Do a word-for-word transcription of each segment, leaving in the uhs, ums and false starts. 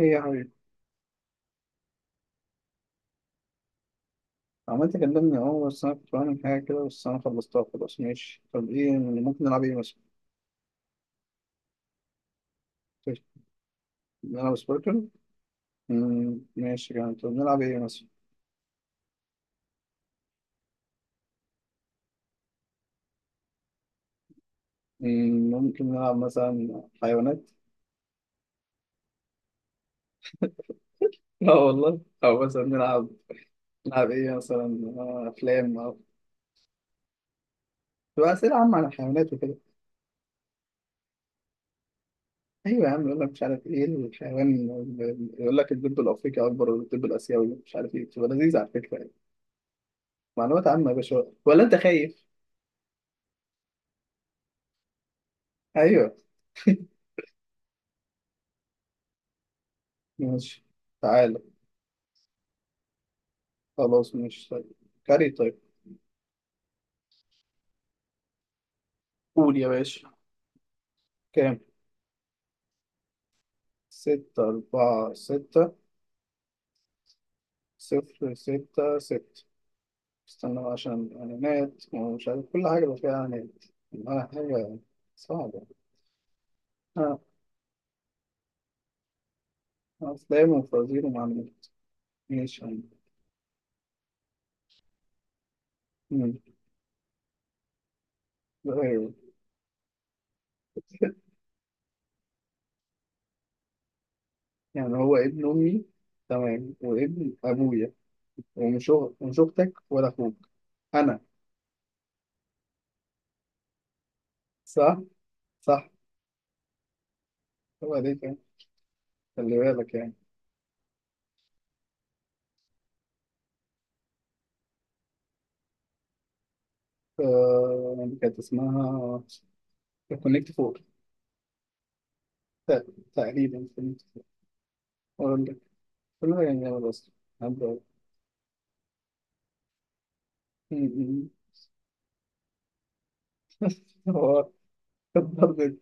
ايه يا حبيبي؟ عملت كلمني، اه بس انا كنت بعمل حاجة كده بس انا خلصتها خلاص. ماشي، طب ايه يعني، ممكن نلعب ايه مثلا؟ طيب، نلعب سبوركل؟ مم، ماشي يعني، طب نلعب ايه مثلا؟ مم، ممكن نلعب مثلا حيوانات؟ لا والله، او مثلا نلعب نلعب ايه مثلا، آه، افلام او تبقى اسئلة عامة عن الحيوانات وكده. ايوه يا عم، يقول لك مش عارف ايه الحيوان، يقول لك الدب الافريقي اكبر ولا الدب الاسيوي، مش عارف ايه، بتبقى لذيذة على فكرة يعني، معلومات عامة يا باشا، ولا انت خايف؟ ايوه. ماشي. تعال، خلاص ماشي طيب، كاري طيب. قول يا باشا، كام؟ ستة أربعة ستة. صفر ستة ستة. استنى بقى عشان إعلانات ومش عارف، كل حاجة بقى فيها إعلانات، والله حاجة صعبة. آه، أفلام وفوازير ومعلومات. ماشي يا عم. مم. أيوه، يعني هو ابن أمي، تمام، وابن أبويا، ومش أخ- ومش أختك ولا أخوك، أنا. صح. صح. هو ده كان. خلي بالك يعني. آه، كانت اسمها كونكت فور. ت- تقريبا فهمت. اقول لك، كله يعني، انا بس، عبد الله. هو برضه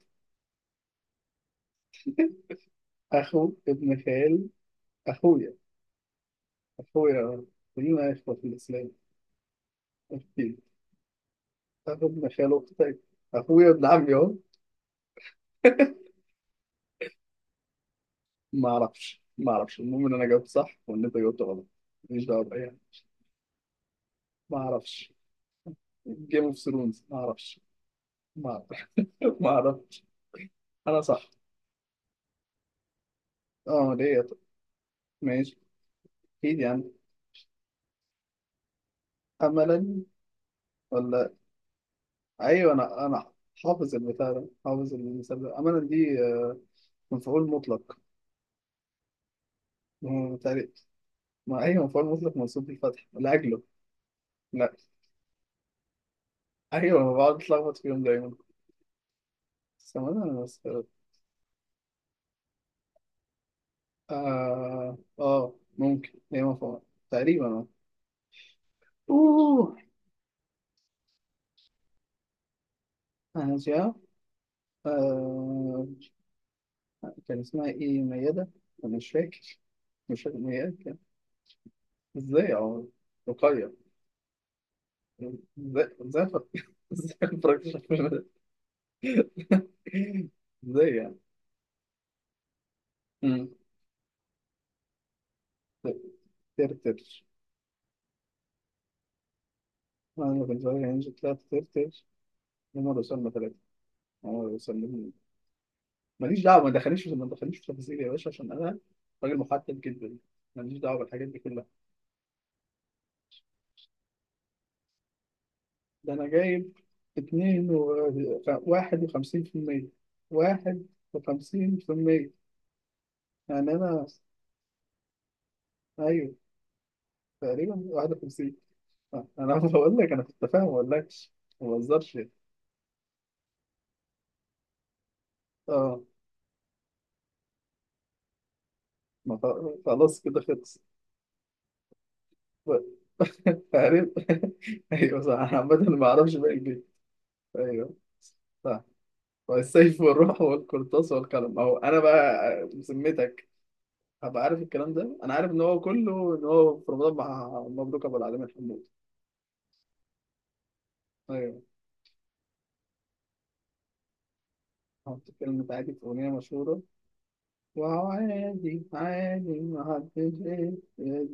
اخو ابن خال، اخويا اخويا، كلنا اخوه في الاسلام، اكيد. اخو ابن خال اختك، اخويا ابن عمي اهو. ما اعرفش، ما اعرفش، المهم ان انا جاوبت صح وان انت جاوبت غلط. ماليش دعوه باي حاجه. ما اعرفش. جيم اوف ثرونز. ما اعرفش. ما اعرفش. ما اعرفش. انا صح. اه، ليه يا طب؟ ماشي. اكيد يعني. املا ولا، ايوه، انا انا حافظ البتاع ده، حافظ المثال ده، امانه دي، آه، مفعول مطلق. مم، تقريبا. ما ايوه، مفعول مطلق منصوب بالفتح لاجله. لا، ايوه، انا بقعد اتلخبط فيهم دايما، بس امانه انا بس اه اه آه، ممكن هي مفعول، تقريبا اه اوه. انا جا آه كان اسمها ايه، ميادة؟ انا مش فاكر مش فاكر ميادة كان. ازاي يا عمر؟ رقية. ازاي؟ ازاي؟ ازاي؟ ازاي الفراكشن؟ ازاي يعني؟ مم. ترتر. انا كنت صغير يعني، طلعت ترتر. هم وصلنا ثلاثة، هم وصلنا. ماليش دعوة. ما دخلنيش، ما دخلنيش في تفاصيل يا باشا، عشان انا راجل محدد جدا. ماليش دعوة بالحاجات دي كلها. ده انا جايب اتنين و... واحد وخمسين في المية واحد وخمسين في المية. يعني انا، ايوه، تقريبا واحد وخمسين. آه، انا بقول لك، انا كنت فاهم، ما اقولكش. ما بهزرش. اه. ما خ- خلاص كده، خلص. عارف. ايوه صح، انا عامة ما اعرفش باقي البيت. ايوه. صح. والسيف والروح والقرطاس والقلم اهو. انا بقى بذمتك، هبقى عارف الكلام ده؟ انا عارف ان هو كله، ان هو في رمضان مع مبروك ابو العالمين حمود. ايوه. حط كلمة عادي في أغنية مشهورة. وهو عادي، عادي، محدش،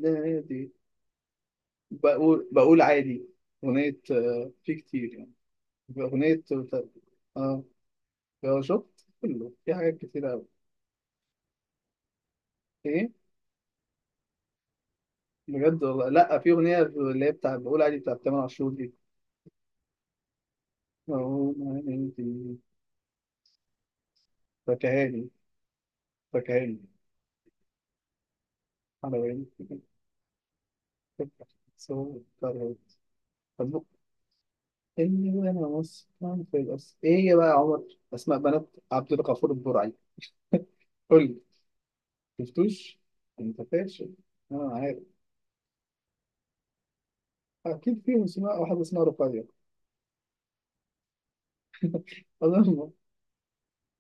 عادي، بقول بقول عادي. أغنية، آه، في كتير يعني. أغنية، اه شفت كله في حاجات كتيرة أوي. ايه؟ بجد والله، لا، في اغنيه اللي هي بتاع بقول عادي بتاع تامر عاشور دي. أقول عادي، فكهاني، فكهاني. على وين؟ صوت طرب. طب اني، وانا مسكن في الأس، ايه يا بقى يا عمر؟ اسماء بنات عبد الغفور البرعي. قول لي. شفتوش؟ انت فاشل. انا عارف اكيد فيهم اسماء، واحده اسمها رقية اظن،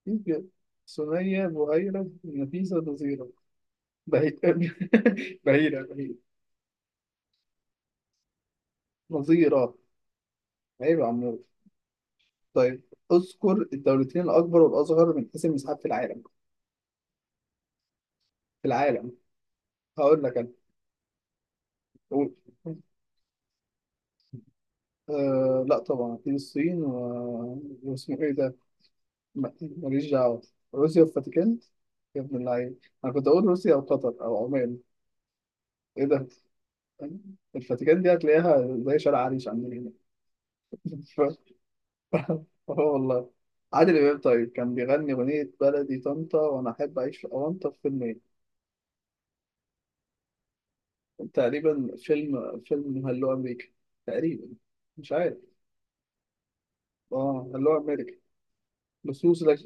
اكيد فيهم. سنية، بهيرة، نفيسة، نظيرة. بهي... بهيرة بهيرة. نظيرة. عيب يا عمور. طيب، اذكر الدولتين الأكبر والأصغر من حيث المساحات في العالم. في العالم. هقول لك أنا. قول. آه، لا، طبعا أكيد الصين و... واسمه إيه ده؟ ما- ماليش دعوة. روسيا والفاتيكان. يا ابن اللعيب، أنا كنت أقول روسيا أو قطر أو عمان. إيه ده؟ الفاتيكان دي هتلاقيها زي شارع عريش عندنا هنا. ف- آه والله. عادل إمام طيب كان بيغني أغنية بلدي طنطا وأنا أحب أعيش في أونطا في فيلم، تقريبا فيلم فيلم هلو امريكا، تقريبا، مش عارف. اه هلو امريكا. لصوص لك.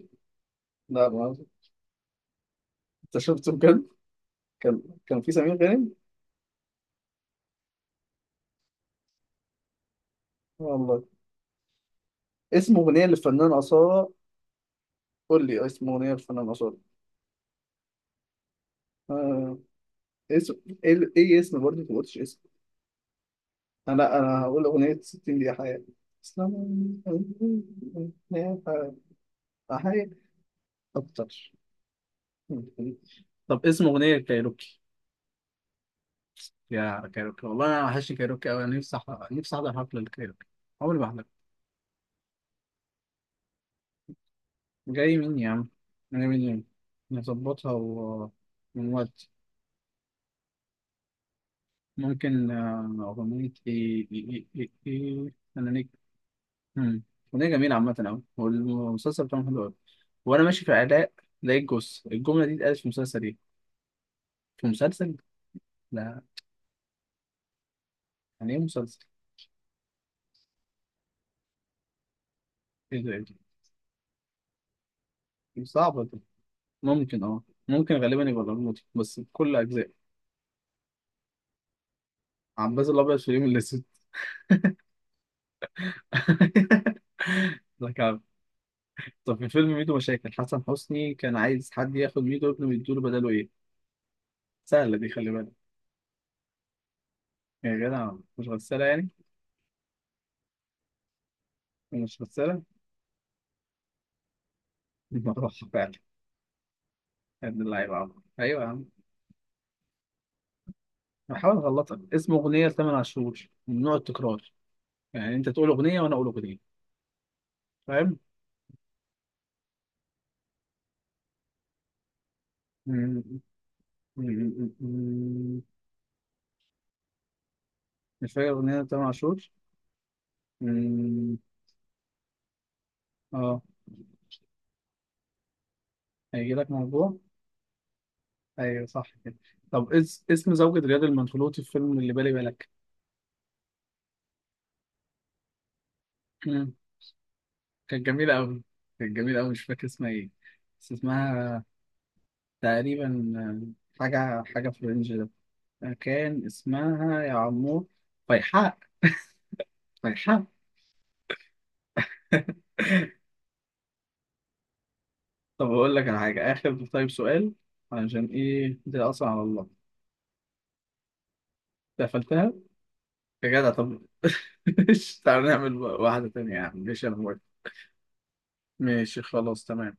لا، ما أعرف. انت شفته بجد؟ كان كان في سمير غانم والله. اسم اغنيه للفنان اصاله. قول لي اسم اغنيه للفنان اصاله. آه. اسم ايه ال- إيه؟ اسم برضه، ما قلتش اسم. انا انا هقول اغنيه ستين دقيقه حياه، اسلام عليكم، يا حياة. أحيي أكتر. طب اسم أغنية كايروكي. يا كايروكي، والله انا وحشني كايروكي قوي، انا نفسي أح- نفسي احضر حفله الكايروكي، عمري ما احضر. جاي مني يا عم، جاي مني. نظبطها و... من وقت. ممكن آه، اغنيه ايه ايه ايه ايه إيه. انا نيك. مم. اغنيه جميله عامه قوي، والمسلسل بتاعهم حلو قوي. وانا ماشي في علاء لقيت جوز الجمله دي، اتقالت في مسلسل ايه؟ في مسلسل، لا. يعني ايه مسلسل؟ ايه ده؟ ايه ده؟ صعبه دي. ممكن، اه، ممكن غالبا يبقى الأرموطي بس بكل اجزاء. عباس الابيض في اليوم اللي لك عم. طب في فيلم ميدو مشاكل، حسن حسني كان عايز حد ياخد ميدو ابنه ويديله بداله ايه؟ سهلة دي، خلي بالك. يا جدع، مش غسالة يعني؟ مش غسالة؟ دي مروحة فعلا. يا ابن اللعيبة يا عم. ايوه يا عم، بحاول اغلطك. اسمه اغنية لتامر عاشور من نوع التكرار، يعني انت تقول اغنية وانا اقول اغنية. فاهم؟ م- م- م- م- مش فاكر اغنية لتامر عاشور؟ م- اه هيجي لك موضوع. ايوه صح كده. طب اس... اسم زوجة رياض المنفلوطي في فيلم اللي بالي بالك. مم. كانت جميلة أوي كانت جميلة أوي، مش فاكر اسمها ايه. بس اسمها تقريبا، آه، حاجة حاجة في الرينج ده، آه، كان اسمها يا عمور، فيحاء. فيحاء. طب أقول لك على حاجة آخر، طيب سؤال. علشان ايه ده أصلا، على الله. قفلتها. يا جدع، طب. مش تعالى نعمل واحدة تانية يا عم؟ مش أنا موافق. ماشي، خلاص، تمام.